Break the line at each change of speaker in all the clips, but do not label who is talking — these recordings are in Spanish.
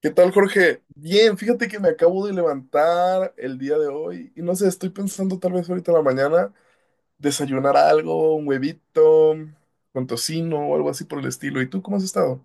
¿Qué tal, Jorge? Bien, fíjate que me acabo de levantar el día de hoy y no sé, estoy pensando tal vez ahorita en la mañana desayunar algo, un huevito con tocino o algo así por el estilo. ¿Y tú cómo has estado?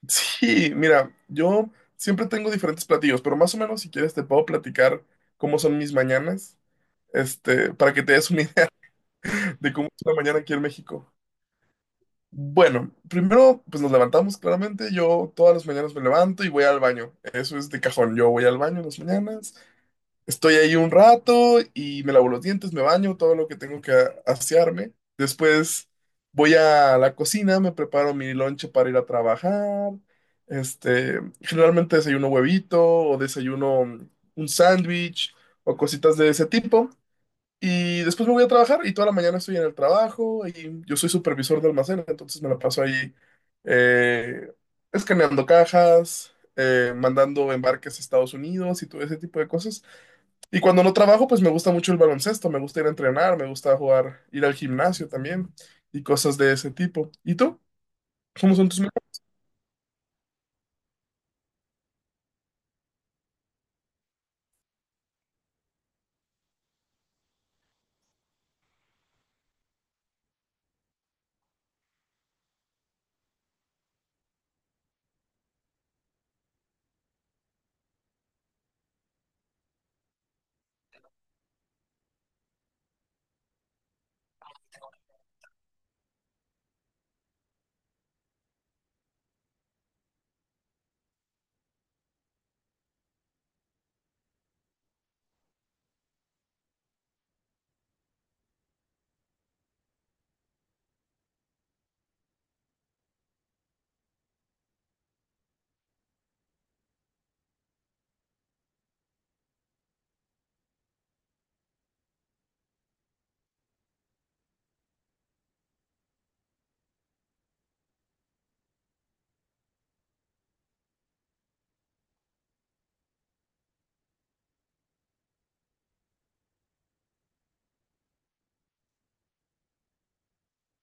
Sí, mira, yo siempre tengo diferentes platillos, pero más o menos si quieres te puedo platicar cómo son mis mañanas, para que te des una idea de cómo es una mañana aquí en México. Bueno, primero pues nos levantamos claramente, yo todas las mañanas me levanto y voy al baño, eso es de cajón, yo voy al baño en las mañanas, estoy ahí un rato y me lavo los dientes, me baño, todo lo que tengo que asearme, después voy a la cocina, me preparo mi lonche para ir a trabajar, generalmente desayuno huevito o desayuno un sándwich o cositas de ese tipo. Y después me voy a trabajar y toda la mañana estoy en el trabajo y yo soy supervisor de almacén, entonces me la paso ahí eh, escaneando cajas, mandando embarques a Estados Unidos y todo ese tipo de cosas. Y cuando no trabajo, pues me gusta mucho el baloncesto, me gusta ir a entrenar, me gusta jugar, ir al gimnasio también y cosas de ese tipo. ¿Y tú? ¿Cómo son tus metas?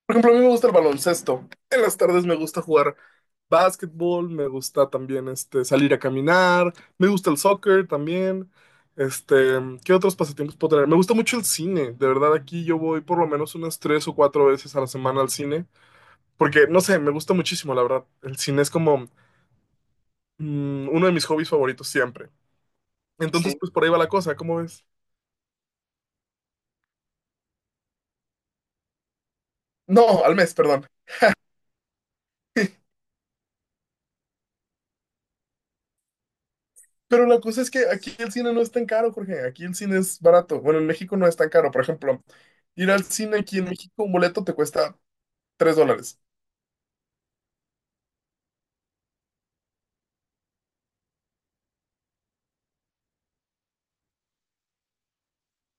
Por ejemplo, a mí me gusta el baloncesto. En las tardes me gusta jugar básquetbol, me gusta también salir a caminar, me gusta el soccer también. Este, ¿Qué otros pasatiempos puedo tener? Me gusta mucho el cine, de verdad aquí yo voy por lo menos unas tres o cuatro veces a la semana al cine, porque no sé, me gusta muchísimo, la verdad. El cine es como uno de mis hobbies favoritos siempre. Entonces, sí, pues por ahí va la cosa, ¿cómo ves? No, al mes, perdón. Pero la cosa es que aquí el cine no es tan caro, Jorge. Aquí el cine es barato. Bueno, en México no es tan caro. Por ejemplo, ir al cine aquí en México, un boleto te cuesta $3.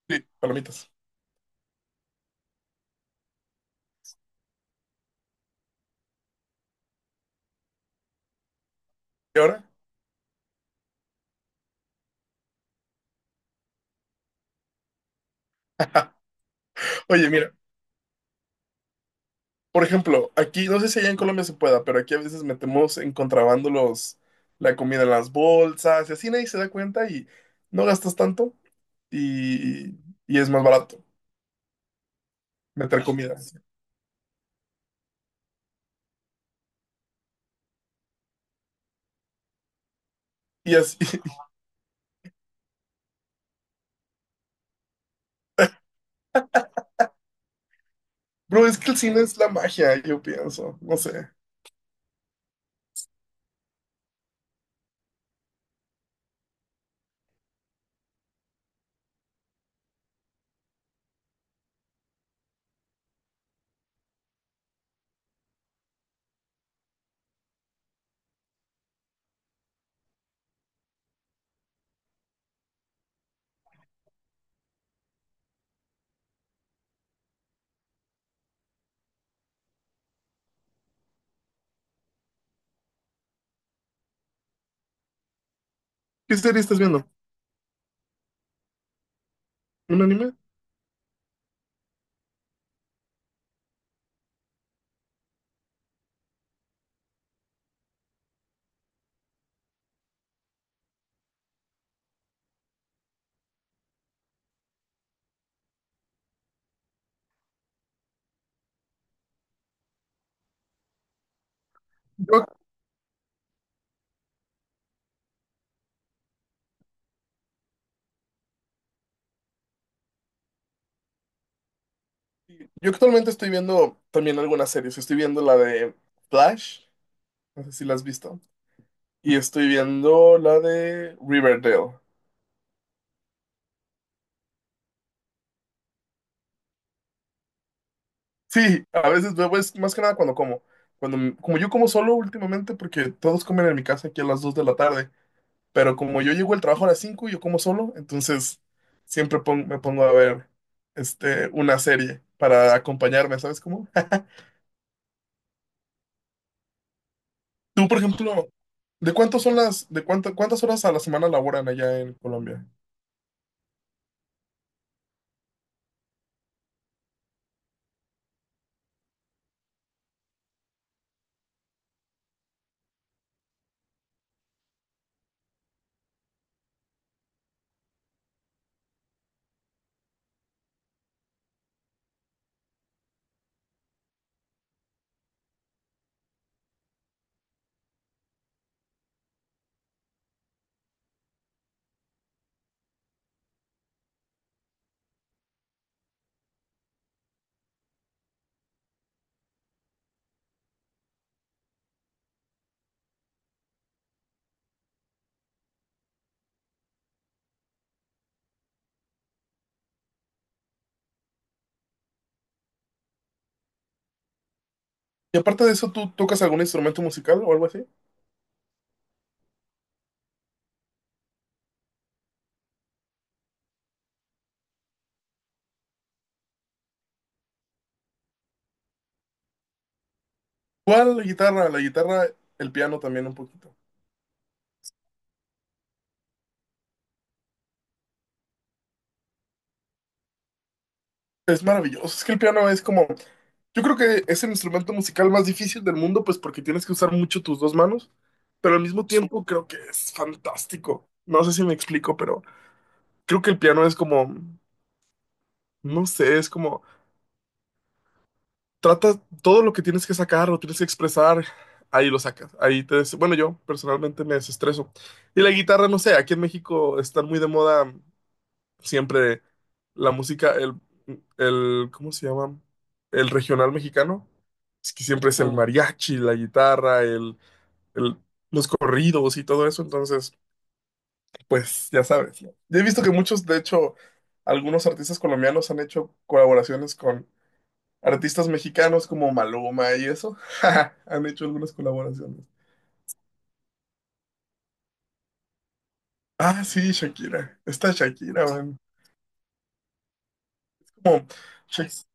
Sí, palomitas. ¿Y ahora? Oye, mira, por ejemplo, aquí, no sé si allá en Colombia se pueda, pero aquí a veces metemos en contrabando la comida en las bolsas y así nadie se da cuenta y no gastas tanto y, y es más barato meter comida. Y así, bro, es que el cine es la magia, yo pienso, no sé. ¿Qué serie estás viendo? ¿Un anime? Yo, yo actualmente estoy viendo también algunas series, estoy viendo la de Flash, no sé si la has visto, y estoy viendo la de Riverdale. Sí, a veces luego es más que nada cuando como. Como yo como solo últimamente, porque todos comen en mi casa aquí a las 2 de la tarde, pero como yo llego al trabajo a las 5 y yo como solo, entonces siempre me pongo a ver una serie para acompañarme, ¿sabes cómo? Tú, por ejemplo, ¿de cuántos son las, de cuánto- ¿cuántas horas a la semana laboran allá en Colombia? Y aparte de eso, ¿tú tocas algún instrumento musical o algo así? ¿Cuál? La guitarra, el piano también un poquito. Es maravilloso. Es que el piano es como, yo creo que es el instrumento musical más difícil del mundo, pues porque tienes que usar mucho tus dos manos, pero al mismo, sí, tiempo creo que es fantástico. No sé si me explico, pero creo que el piano es como, no sé, es como, trata todo lo que tienes que sacar lo tienes que expresar, ahí lo sacas. Bueno, yo personalmente me desestreso. Y la guitarra, no sé, aquí en México están muy de moda siempre la música, el, ¿cómo se llama? El regional mexicano. Es que siempre es el, ujú, mariachi, la guitarra, el- los corridos y todo eso. Entonces, pues ya sabes, ¿no? Yo he visto que muchos, de hecho, algunos artistas colombianos han hecho colaboraciones con artistas mexicanos como Maluma y eso. Han hecho algunas colaboraciones. Ah, sí, Shakira. Esta Shakira, man. Como, Shak-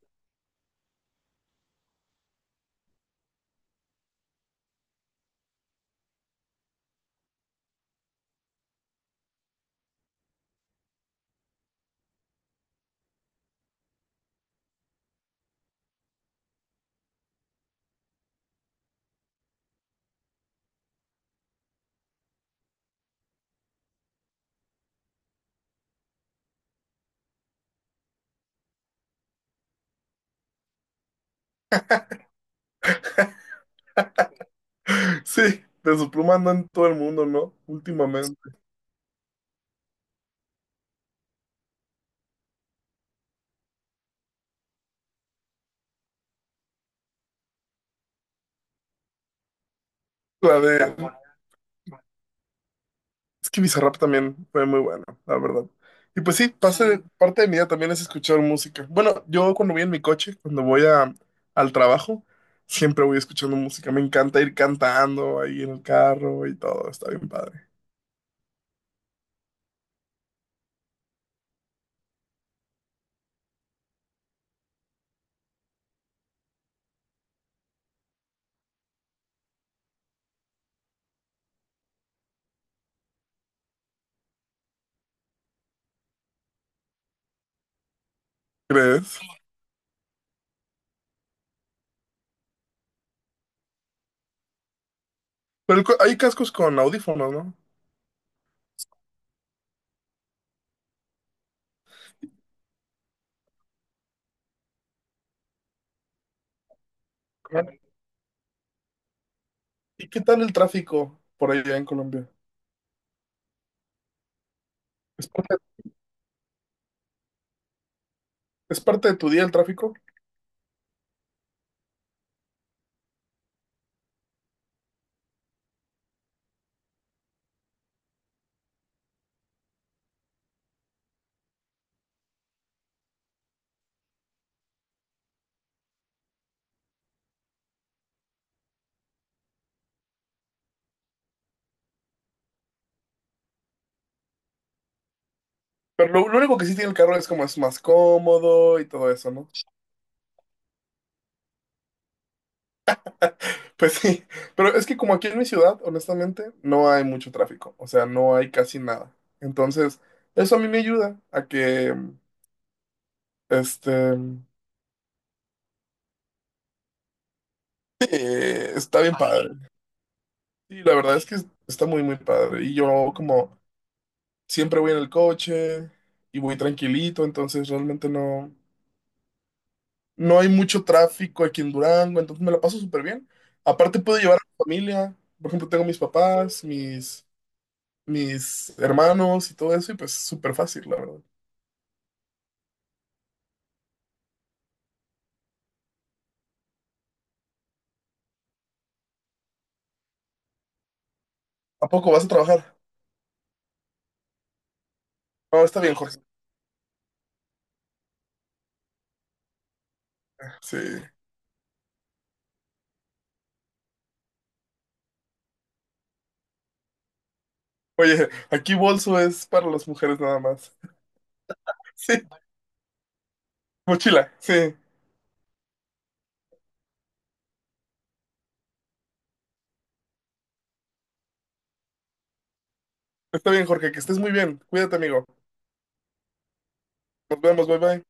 sí, de su pluma andan en todo el mundo, ¿no? Últimamente. La de... Es que Bizarrap también fue muy bueno, la verdad. Y pues sí, parte de, sí, parte de mi día también es escuchar música. Bueno, yo cuando voy en mi coche, cuando voy al trabajo, siempre voy escuchando música. Me encanta ir cantando ahí en el carro y todo. Está bien padre. ¿Crees? Pero hay cascos con audífonos, ¿no? Claro. ¿Y qué tal el tráfico por allá en Colombia? ¿Es parte, es parte de tu día el tráfico? Pero lo único que sí tiene el carro es como es más cómodo y todo eso, ¿no? Pues sí, pero es que como aquí en mi ciudad, honestamente, no hay mucho tráfico, o sea, no hay casi nada. Entonces, eso a mí me ayuda a este, está bien padre. Sí, la verdad es que está muy, muy padre. Y yo como siempre voy en el coche y voy tranquilito, entonces realmente no hay mucho tráfico aquí en Durango, entonces me la paso súper bien. Aparte puedo llevar a mi familia, por ejemplo, tengo mis papás, mis hermanos y todo eso, y pues súper fácil, la verdad. ¿A poco vas a trabajar? No, está bien, Jorge. Sí. Oye, aquí bolso es para las mujeres nada más. Sí, mochila, sí. Está bien, Jorge, que estés muy bien. Cuídate, amigo. Nos vemos, bye bye.